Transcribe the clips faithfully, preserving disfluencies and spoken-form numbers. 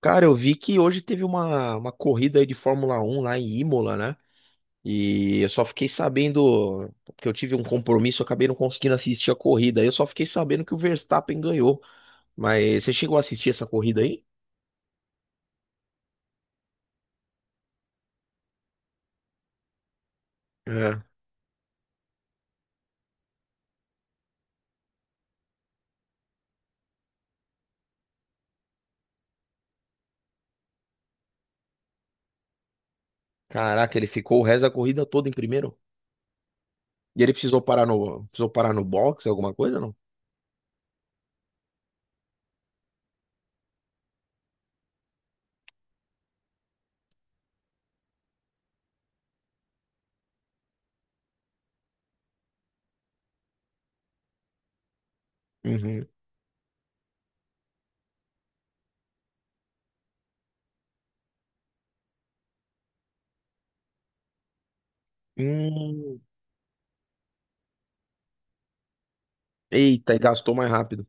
Cara, eu vi que hoje teve uma, uma corrida aí de Fórmula Um lá em Imola, né? E eu só fiquei sabendo, porque eu tive um compromisso, eu acabei não conseguindo assistir a corrida. Eu só fiquei sabendo que o Verstappen ganhou. Mas você chegou a assistir essa corrida aí? É. Caraca, ele ficou o resto da corrida toda em primeiro. E ele precisou parar no, precisou parar no box, alguma coisa, não? Uhum. Hum. Eita, e gastou mais rápido.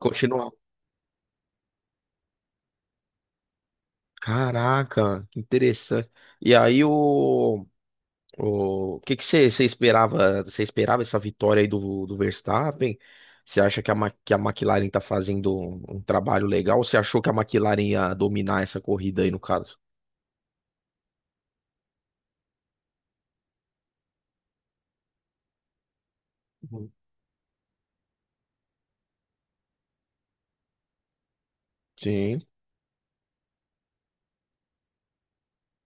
Continua. Caraca, que interessante. E aí o O que que você você esperava? Você esperava essa vitória aí do, do Verstappen? Você acha que a, Ma- que a McLaren tá fazendo um, um trabalho legal? Ou você achou que a McLaren ia dominar essa corrida aí, no caso? Uhum. Sim.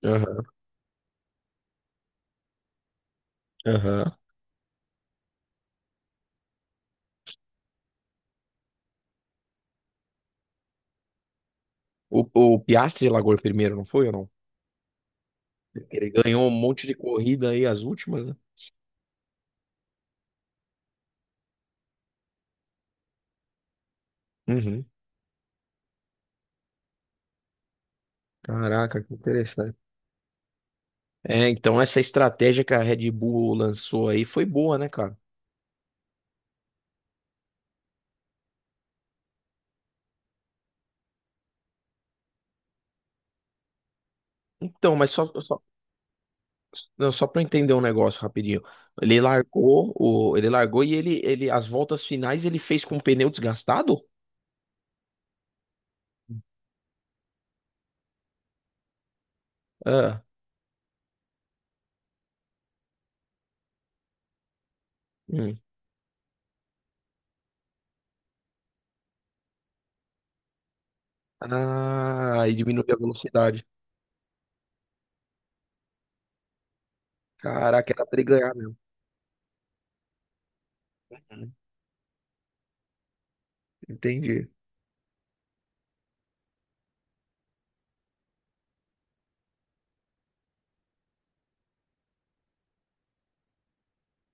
Aham. Aham. O, o Piastri largou em primeiro, não foi ou não? Ele ganhou um monte de corrida aí, as últimas, né? Uhum. Caraca, que interessante. É, então essa estratégia que a Red Bull lançou aí foi boa, né, cara? Então, mas só, só Não, só para entender um negócio rapidinho. Ele largou, o, ele largou e ele, ele, as voltas finais ele fez com o pneu desgastado? Ah, hum. Ah, e diminuiu a velocidade. Caraca, era pra ele ganhar mesmo. Hum. Entendi.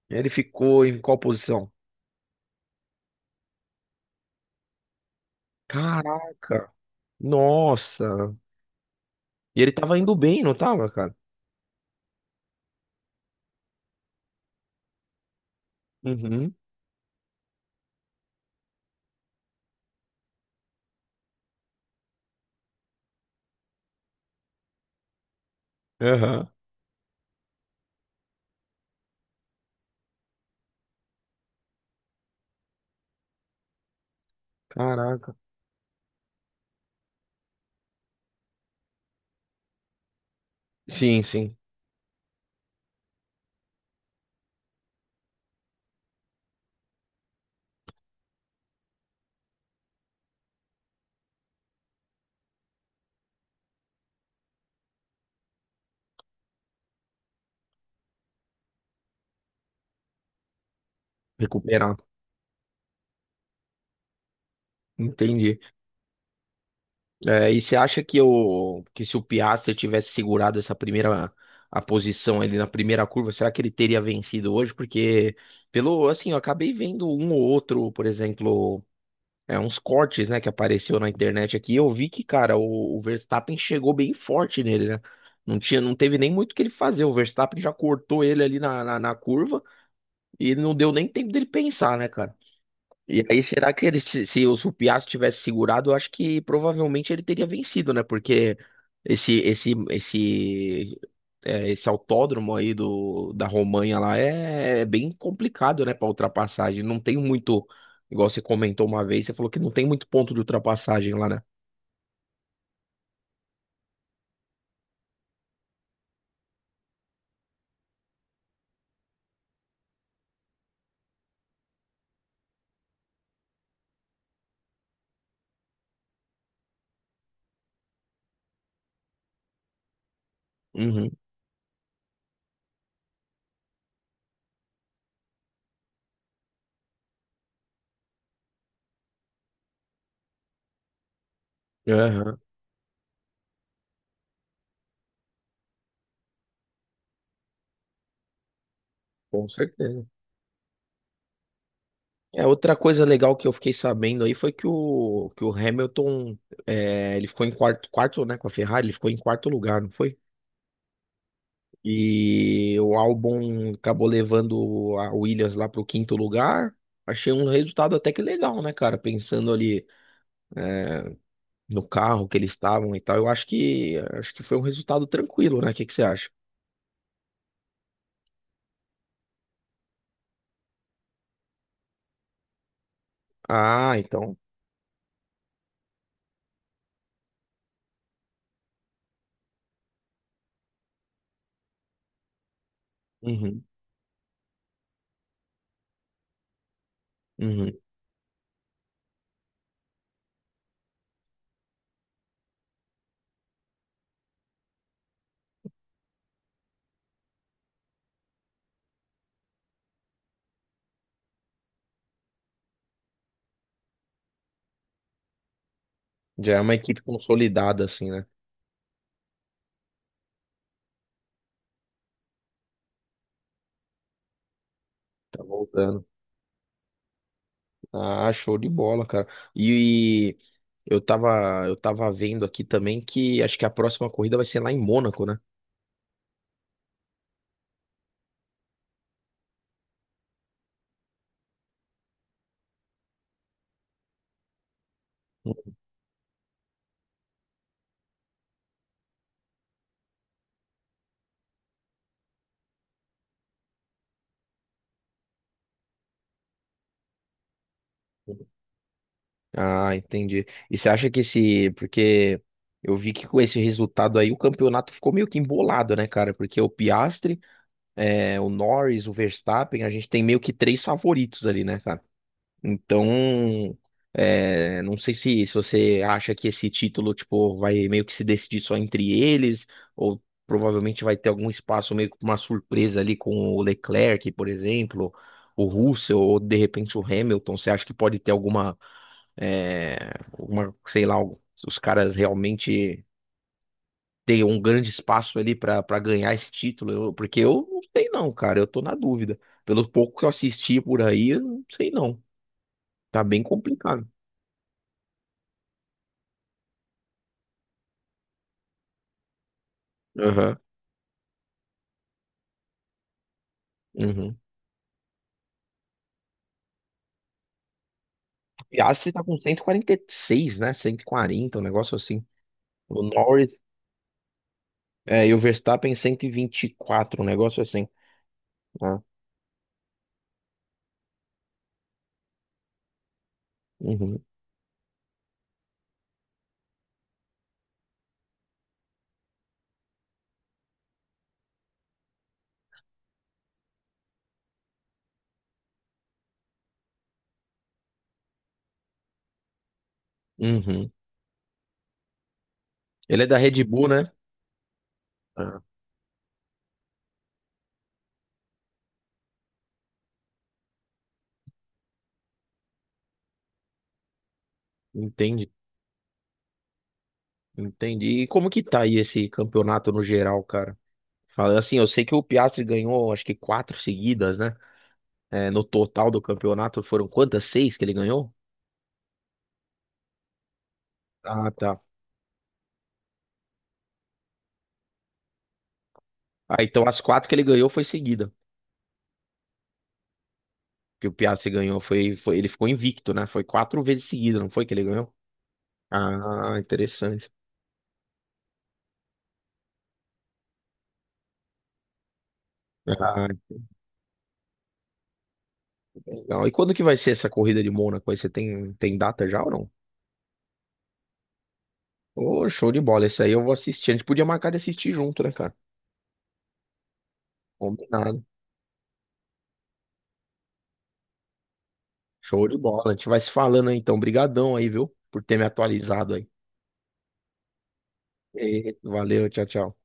Ele ficou em qual posição? Caraca, nossa. E ele tava indo bem, não tava, cara? Uhum. Aham. Caraca. Sim, sim. Recuperado. Entendi. É, e você acha que, o, que se o Piastri tivesse segurado essa primeira a posição ali na primeira curva, será que ele teria vencido hoje? Porque, pelo assim, eu acabei vendo um ou outro, por exemplo, é, uns cortes, né, que apareceu na internet aqui, eu vi que, cara, o, o Verstappen chegou bem forte nele, né? Não tinha, não teve nem muito o que ele fazer. O Verstappen já cortou ele ali na, na, na, curva e não deu nem tempo dele pensar, né, cara? E aí, será que ele, se, se o Supiato tivesse segurado, eu acho que provavelmente ele teria vencido, né? Porque esse esse esse é, esse autódromo aí do, da Romanha lá é, é bem complicado, né, para ultrapassagem. Não tem muito, igual você comentou uma vez, você falou que não tem muito ponto de ultrapassagem lá, né? Uhum. Aham, com certeza. É, outra coisa legal que eu fiquei sabendo aí foi que o, que o Hamilton, é, ele ficou em quarto, quarto, né, com a Ferrari, ele ficou em quarto lugar, não foi? E o álbum acabou levando a Williams lá pro quinto lugar. Achei um resultado até que legal, né, cara? Pensando ali no carro que eles estavam e tal, eu acho que acho que foi um resultado tranquilo, né? O que que você acha? Ah, então. Uhum, uhum. Já é uma equipe consolidada, assim, né? Tá voltando. Ah, show de bola, cara. E, eu tava, eu tava vendo aqui também que acho que a próxima corrida vai ser lá em Mônaco, né? Ah, entendi. E você acha que esse. Porque eu vi que com esse resultado aí o campeonato ficou meio que embolado, né, cara? Porque o Piastri, é, o Norris, o Verstappen, a gente tem meio que três favoritos ali, né, cara? Então, é, não sei se, se você acha que esse título, tipo, vai meio que se decidir só entre eles, ou provavelmente vai ter algum espaço meio que pra uma surpresa ali com o Leclerc, por exemplo, o Russell, ou de repente o Hamilton. Você acha que pode ter alguma, é, alguma, sei lá, algo- se os caras realmente têm um grande espaço ali pra para ganhar esse título? Eu- porque eu não sei não, cara, eu tô na dúvida. Pelo pouco que eu assisti por aí, eu não sei não. Tá bem complicado. Aham. Uhum. E a Aston tá com cento e quarenta e seis, né? Cento e quarenta, um negócio assim. O Norris, é, e o Verstappen cento e vinte e quatro, um negócio assim. Ah. Uhum. Uhum. Ele é da Red Bull, né? Ah, entendi, entendi. E como que tá aí esse campeonato no geral, cara? Fala assim, eu sei que o Piastri ganhou, acho que quatro seguidas, né? É, no total do campeonato foram quantas? Seis que ele ganhou? Ah, tá. Ah, então as quatro que ele ganhou foi seguida. Que o Piastri ganhou foi, foi ele ficou invicto, né? Foi quatro vezes seguida, não foi que ele ganhou? Ah, interessante. Ah, legal. E quando que vai ser essa corrida de Mônaco aí? Você tem, tem data já ou não? Ô, show de bola. Esse aí eu vou assistir. A gente podia marcar de assistir junto, né, cara? Combinado. Show de bola. A gente vai se falando aí, então. Brigadão aí, viu? Por ter me atualizado aí. E- Valeu, tchau, tchau.